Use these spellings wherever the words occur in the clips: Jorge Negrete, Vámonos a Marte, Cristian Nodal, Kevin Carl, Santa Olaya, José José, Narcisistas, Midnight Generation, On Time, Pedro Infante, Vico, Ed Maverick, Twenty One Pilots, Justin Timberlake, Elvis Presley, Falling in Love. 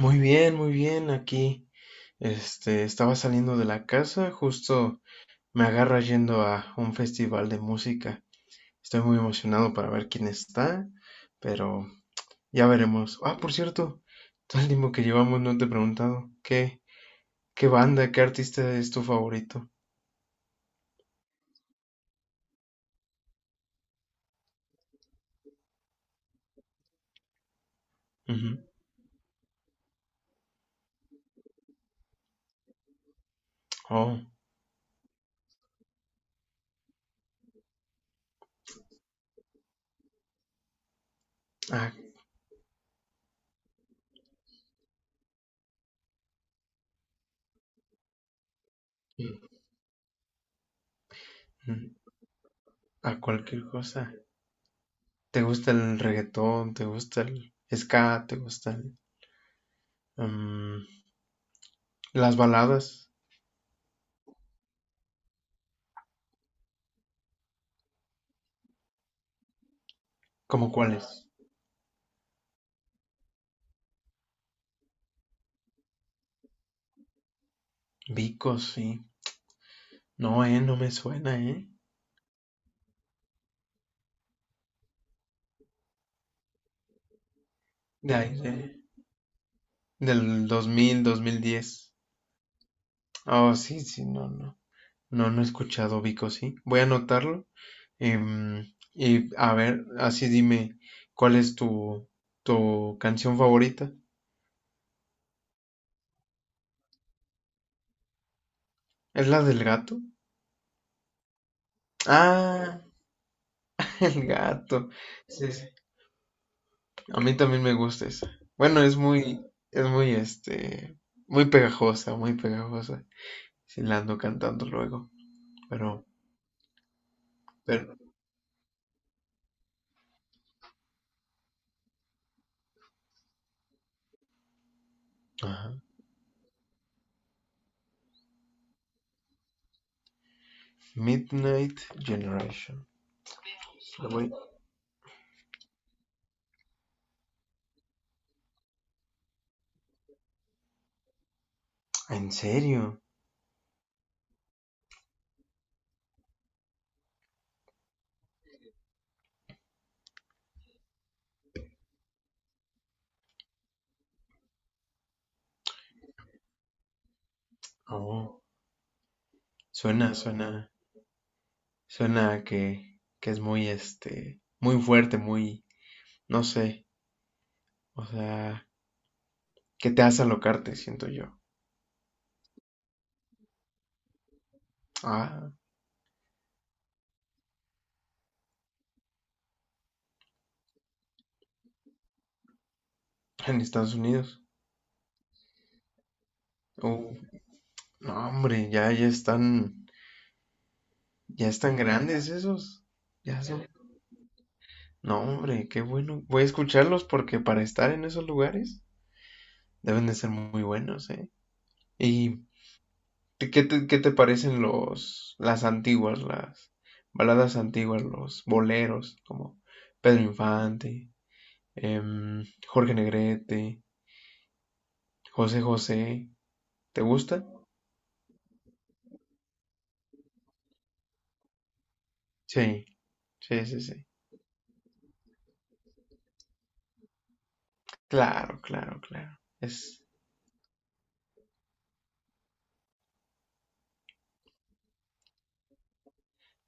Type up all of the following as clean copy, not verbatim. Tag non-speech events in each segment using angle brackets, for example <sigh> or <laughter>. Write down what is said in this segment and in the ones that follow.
Muy bien, muy bien. Aquí, estaba saliendo de la casa, justo me agarra yendo a un festival de música. Estoy muy emocionado para ver quién está, pero ya veremos. Ah, por cierto, <laughs> todo el tiempo que llevamos no te he preguntado qué banda, qué artista es tu favorito. Ujú. Oh, ah, mm, a cualquier cosa. ¿Te gusta el reggaetón? ¿Te gusta el ska? ¿Te gustan las baladas? ¿Cómo cuáles? Vico, sí. No, no me suena, eh. De ahí, del 2000, 2010. Oh, sí, sí, no, no. No, no he escuchado Vico, sí. Voy a anotarlo. em, y a ver, así dime, ¿cuál es tu, tu canción favorita? ¿Es la del gato? Ah, <laughs> el gato. Sí, sí. A mí también me gusta esa. Bueno, es muy, muy pegajosa, muy pegajosa. Sí, la ando cantando luego, pero, pero, ajá. Midnight Generation. ¿En serio? Oh, suena, suena, suena que es muy, muy fuerte, muy, no sé, o sea, que te hace alocarte, siento yo. Ah, en Estados Unidos. Oh, no, hombre, ya, ya están grandes esos. Ya son. No, hombre, qué bueno. Voy a escucharlos porque para estar en esos lugares deben de ser muy buenos, ¿eh? Y ¿te- ¿qué qué te parecen las antiguas, las baladas antiguas, los boleros, como Pedro Infante, Jorge Negrete, José José? ¿Te gusta? Sí, sí, sí, sí. Claro, claro, claro.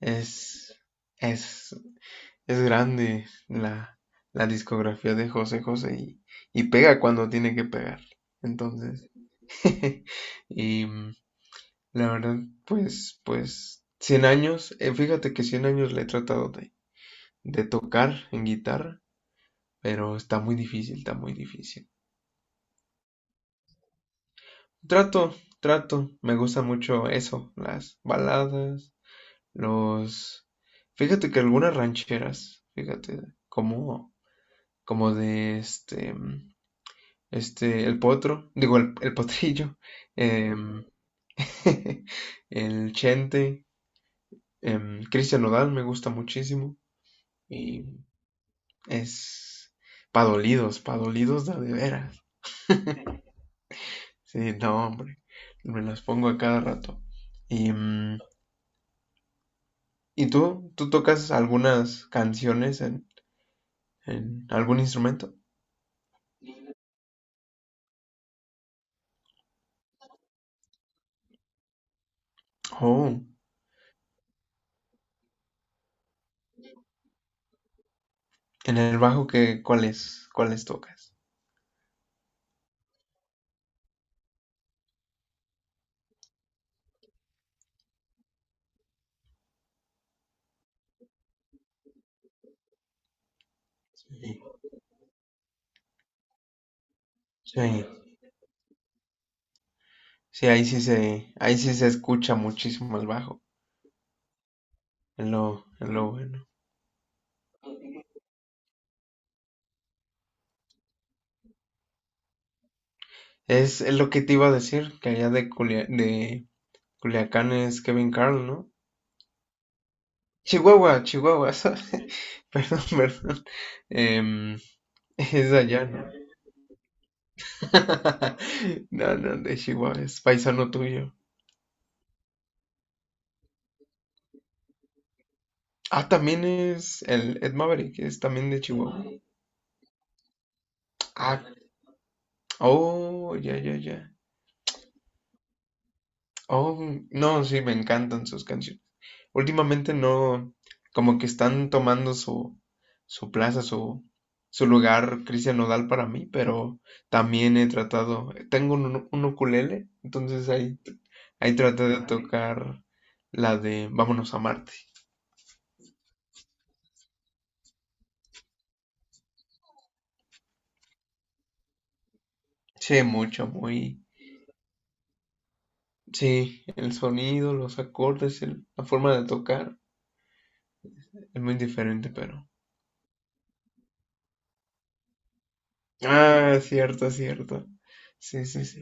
es, es, es grande la discografía de José José y pega cuando tiene que pegar. Entonces, <laughs> y, la verdad, pues, pues, 100 años, fíjate que 100 años le he tratado de tocar en guitarra, pero está muy difícil, está muy difícil. Trato, trato, me gusta mucho eso, las baladas, los... Fíjate que algunas rancheras, fíjate, como, como de el potro, digo, el potrillo, em, <laughs> el chente, Cristian Nodal me gusta muchísimo y es pa' dolidos de veras. Sí, no, hombre. Me las pongo a cada rato. Y, mm, ¿y tú? ¿Tú tocas algunas canciones en algún instrumento? Oh, en el bajo qué ¿cuáles tocas? Sí. Sí, sí, ahí sí se escucha muchísimo el bajo. Es lo bueno. Es lo que te iba a decir, que allá de, de Culiacán es Kevin Carl, ¿no? Chihuahua, Chihuahua, <laughs> sorry. Perdón, perdón. Em, es de allá, ¿no? <laughs> No, no, de Chihuahua, es paisano tuyo. Ah, también es el Ed Maverick, es también de Chihuahua. Ah, oh, ya, ya, ya. Oh, no, sí, me encantan sus canciones. Últimamente no, como que están tomando su, su plaza, su lugar Cristian Nodal para mí, pero también he tratado, tengo un ukulele, entonces ahí, ahí traté de tocar la de Vámonos a Marte. Sí, mucho, muy... Sí, el sonido, los acordes, la forma de tocar es muy diferente, pero... Ah, cierto, cierto. Sí, sí, sí.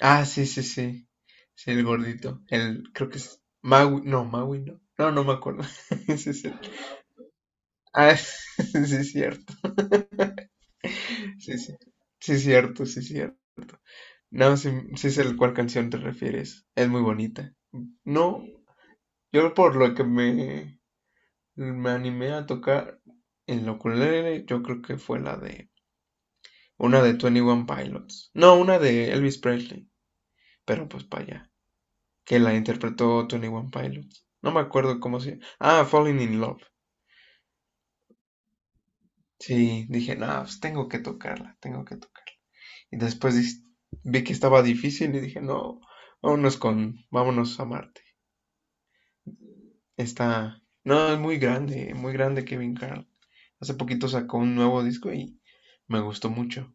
Ah, sí, sí, sí. Sí, el gordito. El, creo que es Maui. No, Maui no. No, no me acuerdo. <laughs> Sí, sí. Ah, <laughs> sí, es cierto. <laughs> Sí, sí. Sí, es cierto, sí, es cierto. No, sí, sí sé a cuál canción te refieres. Es muy bonita. No, yo por lo que me animé a tocar en la ukulele, yo creo que fue la de una de Twenty One Pilots. No, una de Elvis Presley. Pero pues para allá, que la interpretó Tony One Pilots. No me acuerdo cómo se llama. Ah, Falling in Love. Sí, dije, no, pues tengo que tocarla, tengo que tocarla. Y después vi que estaba difícil y dije, no, vámonos a Marte. Está, no, es muy grande Kevin Carl. Hace poquito sacó un nuevo disco y me gustó mucho.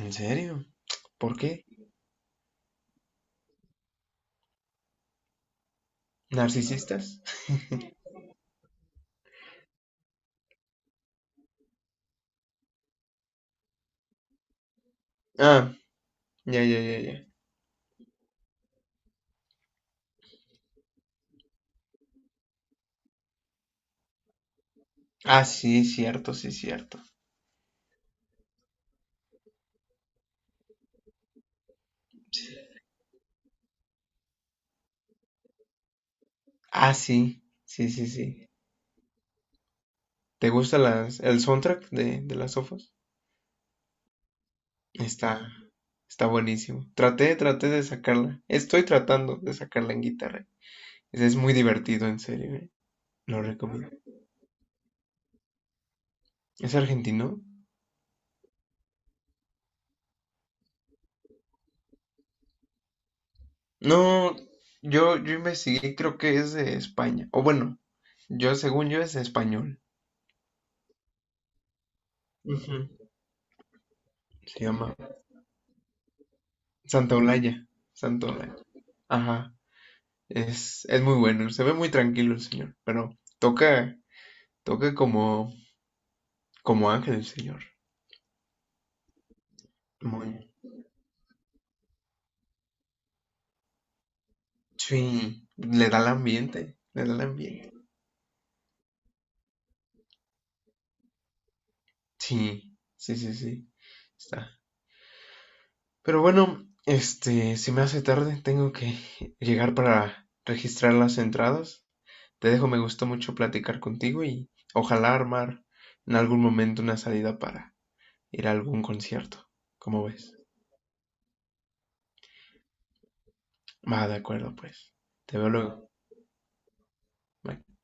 ¿En serio? ¿Por qué? ¿Narcisistas? Ah, ya, ya, ya, ya. Ah, sí, cierto, sí, cierto. Ah, sí, sí, sí, sí. ¿Te gusta el soundtrack de las sofas? Está, está buenísimo. Traté, traté de sacarla. Estoy tratando de sacarla en guitarra. Es muy divertido, en serio, ¿eh? Lo recomiendo. ¿Es argentino? No, yo investigué, creo que es de España. O bueno, yo según yo es español. Ujú. Se llama Santa Olaya. Santa Olaya. Ajá. Es muy bueno. Se ve muy tranquilo el señor. Pero toca, toca como, como ángel el señor. Muy, sí, le da el ambiente, le da el ambiente. Sí, sí, sí, sí, está. Pero bueno, este, se me hace tarde, tengo que <laughs> llegar para registrar las entradas. Te dejo, me gustó mucho platicar contigo y ojalá armar en algún momento una salida para ir a algún concierto. ¿Cómo ves? Va, de acuerdo, pues. Te veo luego. Bye.